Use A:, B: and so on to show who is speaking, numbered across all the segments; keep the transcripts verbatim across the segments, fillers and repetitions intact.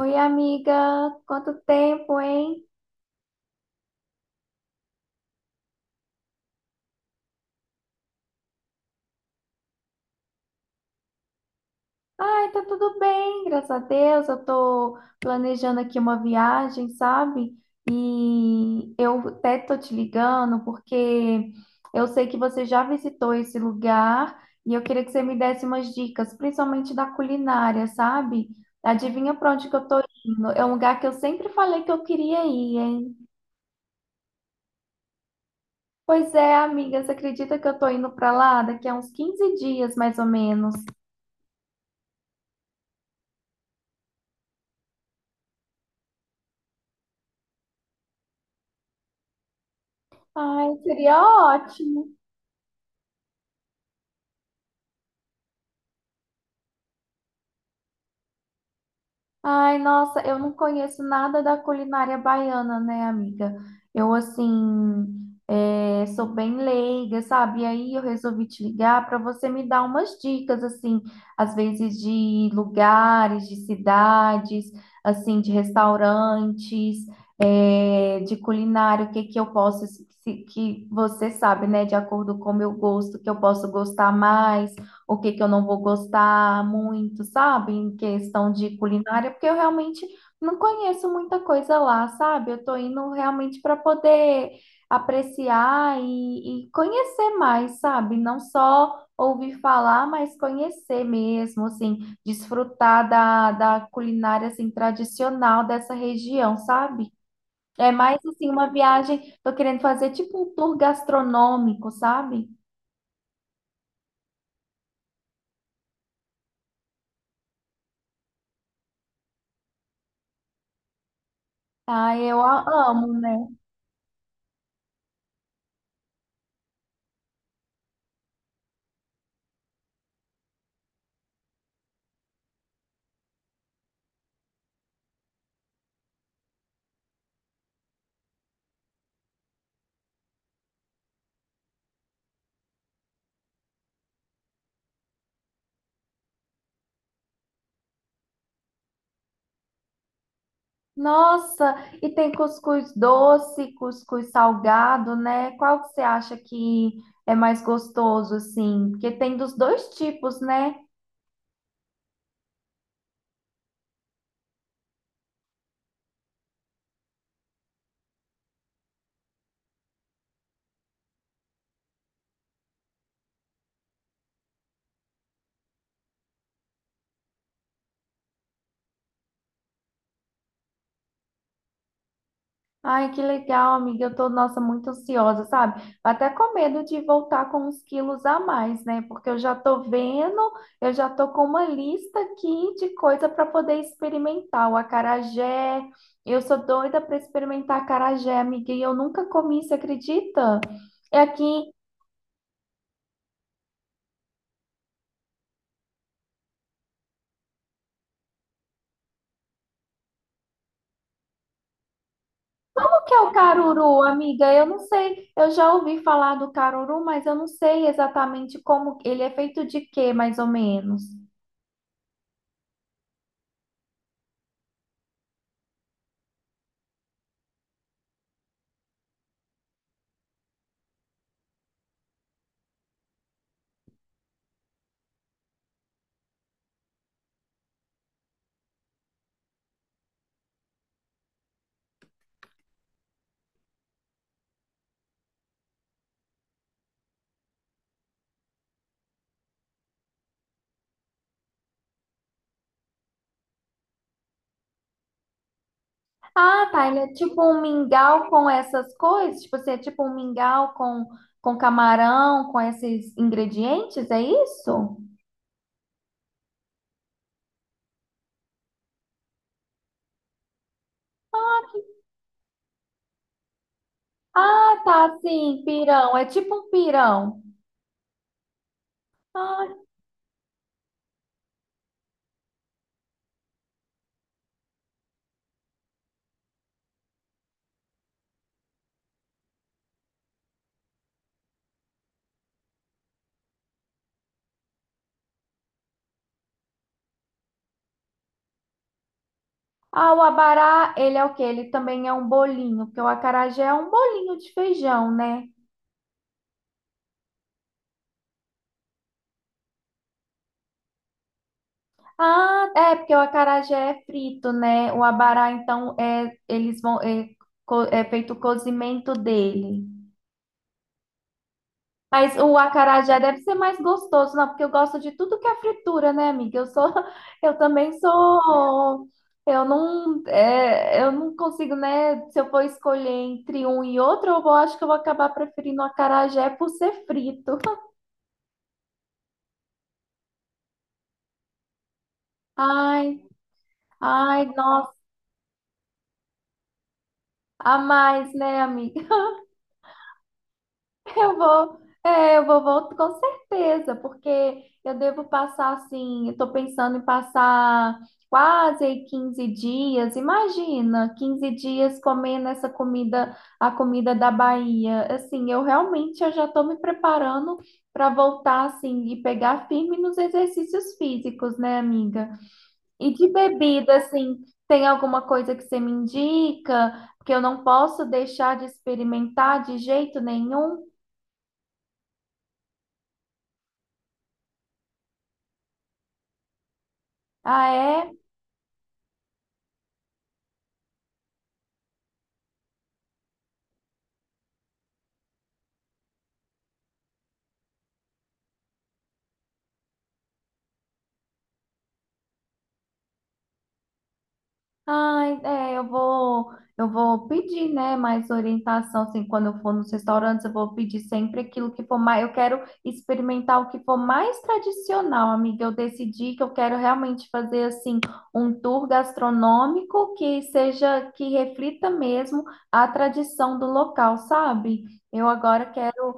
A: Oi, amiga, quanto tempo, hein? Ai, tá tudo bem, graças a Deus. Eu tô planejando aqui uma viagem, sabe? E eu até tô te ligando porque eu sei que você já visitou esse lugar e eu queria que você me desse umas dicas, principalmente da culinária, sabe? Adivinha pra onde que eu tô indo? É um lugar que eu sempre falei que eu queria ir, hein? Pois é, amiga, você acredita que eu tô indo pra lá daqui a uns quinze dias, mais ou menos? Ai, seria ótimo. Ai, nossa, eu não conheço nada da culinária baiana, né, amiga? Eu, assim, é, sou bem leiga, sabe? E aí eu resolvi te ligar para você me dar umas dicas, assim, às vezes de lugares, de cidades, assim, de restaurantes, é, de culinária, o que que eu posso, se- que você sabe, né, de acordo com o meu gosto, que eu posso gostar mais. O que que eu não vou gostar muito, sabe? Em questão de culinária, porque eu realmente não conheço muita coisa lá, sabe? Eu tô indo realmente para poder apreciar e, e conhecer mais, sabe? Não só ouvir falar, mas conhecer mesmo, assim, desfrutar da, da culinária, assim, tradicional dessa região, sabe? É mais, assim, uma viagem, tô querendo fazer tipo um tour gastronômico, sabe? Ah, eu a- amo, né? Nossa, e tem cuscuz doce, cuscuz salgado, né? Qual que você acha que é mais gostoso, assim? Porque tem dos dois tipos, né? Ai, que legal, amiga. Eu tô, nossa, muito ansiosa, sabe? Até com medo de voltar com uns quilos a mais, né? Porque eu já tô vendo, eu já tô com uma lista aqui de coisa para poder experimentar. O acarajé, eu sou doida para experimentar acarajé, amiga, e eu nunca comi, você acredita? É aqui. O que é o caruru, amiga? Eu não sei. Eu já ouvi falar do caruru, mas eu não sei exatamente como ele é feito de quê, mais ou menos. Ah, tá. Ele é tipo um mingau com essas coisas? Tipo, você é tipo um mingau com, com camarão, com esses ingredientes? É isso? Ah, tá. Sim, pirão. É tipo um pirão. Ah, ah, o abará, ele é o quê? Ele também é um bolinho, porque o acarajé é um bolinho de feijão, né? Ah, é, porque o acarajé é frito, né? O abará, então, é, eles vão, é, co- é feito o cozimento dele. Mas o acarajé deve ser mais gostoso, não, porque eu gosto de tudo que é fritura, né, amiga? Eu sou, eu também sou, eu não, é, eu não consigo, né? Se eu for escolher entre um e outro, eu vou, acho que eu vou acabar preferindo o acarajé por ser frito. Ai, ai, nossa, a mais, né, amiga? Eu vou, é, eu vou, voltar com certeza, porque eu devo passar assim, eu tô pensando em passar quase aí quinze dias. Imagina, quinze dias comendo essa comida, a comida da Bahia. Assim, eu realmente eu já estou me preparando para voltar assim e pegar firme nos exercícios físicos, né, amiga? E de bebida, assim, tem alguma coisa que você me indica? Porque eu não posso deixar de experimentar de jeito nenhum. Ah, é? Ai, é, eu vou, eu vou pedir, né, mais orientação, assim, quando eu for nos restaurantes, eu vou pedir sempre aquilo que for mais, eu quero experimentar o que for mais tradicional, amiga. Eu decidi que eu quero realmente fazer, assim, um tour gastronômico que seja, que reflita mesmo a tradição do local, sabe? Eu agora quero,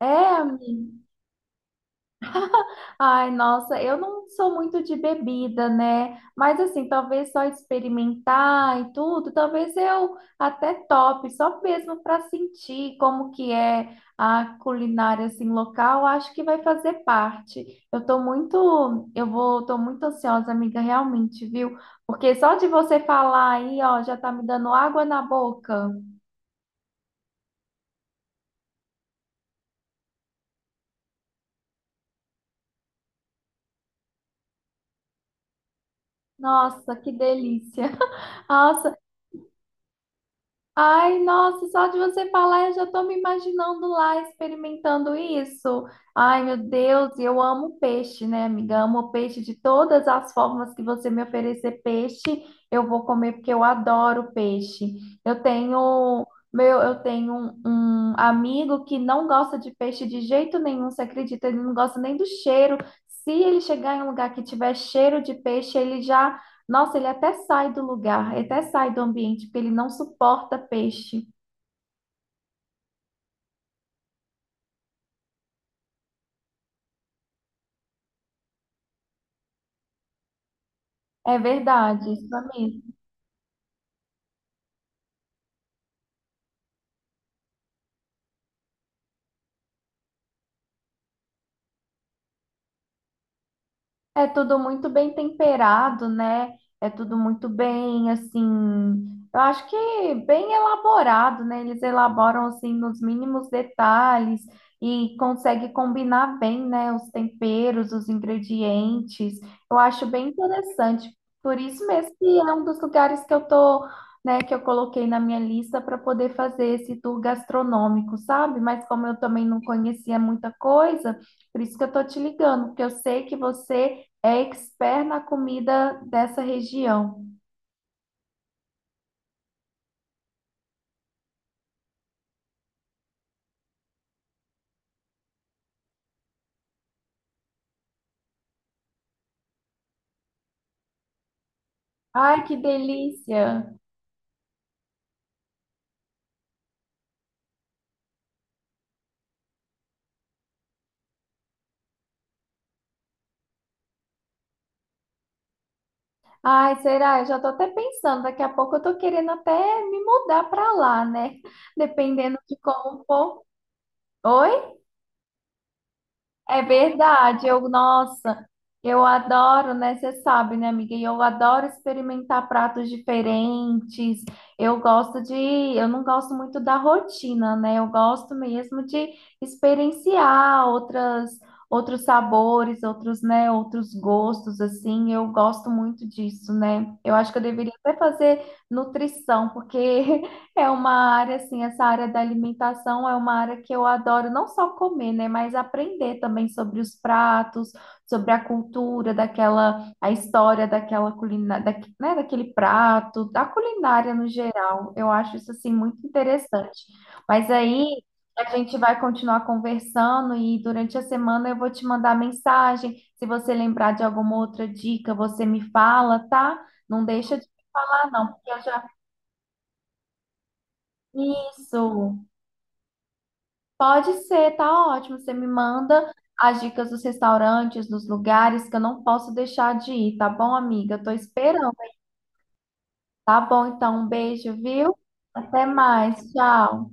A: é, amiga. Ai, nossa, eu não sou muito de bebida, né? Mas assim, talvez só experimentar e tudo, talvez eu até top, só mesmo para sentir como que é a culinária assim local, acho que vai fazer parte. Eu tô muito, eu vou, tô muito ansiosa, amiga, realmente, viu? Porque só de você falar aí, ó, já tá me dando água na boca. Nossa, que delícia. Ah, ai, nossa, só de você falar, eu já tô me imaginando lá experimentando isso. Ai, meu Deus, e eu amo peixe, né, amiga? Amo peixe de todas as formas que você me oferecer peixe, eu vou comer porque eu adoro peixe. Eu tenho, meu, eu tenho um, um, amigo que não gosta de peixe de jeito nenhum, você acredita? Ele não gosta nem do cheiro. Se ele chegar em um lugar que tiver cheiro de peixe, ele já nossa, ele até sai do lugar, ele até sai do ambiente, porque ele não suporta peixe. É verdade, isso é mesmo. É tudo muito bem temperado, né? É tudo muito bem, assim, eu acho que bem elaborado, né? Eles elaboram assim nos mínimos detalhes e consegue combinar bem, né? Os temperos, os ingredientes. Eu acho bem interessante. Por isso mesmo que é um dos lugares que eu tô, né? Que eu coloquei na minha lista para poder fazer esse tour gastronômico, sabe? Mas como eu também não conhecia muita coisa, por isso que eu tô te ligando, porque eu sei que você é expert na comida dessa região. Ai, que delícia! Ai, será? Eu já tô até pensando, daqui a pouco eu tô querendo até me mudar para lá, né? Dependendo de como for. Oi? É verdade, eu, nossa, eu adoro, né? Você sabe, né, amiga? E eu adoro experimentar pratos diferentes. Eu gosto de, eu não gosto muito da rotina, né? Eu gosto mesmo de experienciar outras, outros sabores, outros, né, outros gostos, assim. Eu gosto muito disso, né? Eu acho que eu deveria até fazer nutrição, porque é uma área, assim, essa área da alimentação é uma área que eu adoro não só comer, né, mas aprender também sobre os pratos, sobre a cultura daquela, a história daquela culinária, da, né, daquele prato, da culinária no geral. Eu acho isso, assim, muito interessante. Mas aí a gente vai continuar conversando e durante a semana eu vou te mandar mensagem. Se você lembrar de alguma outra dica, você me fala, tá? Não deixa de me falar, não, porque eu já... Isso! Pode ser, tá ótimo. Você me manda as dicas dos restaurantes, dos lugares que eu não posso deixar de ir, tá bom, amiga? Eu tô esperando. Tá bom, então, um beijo, viu? Até mais. Tchau.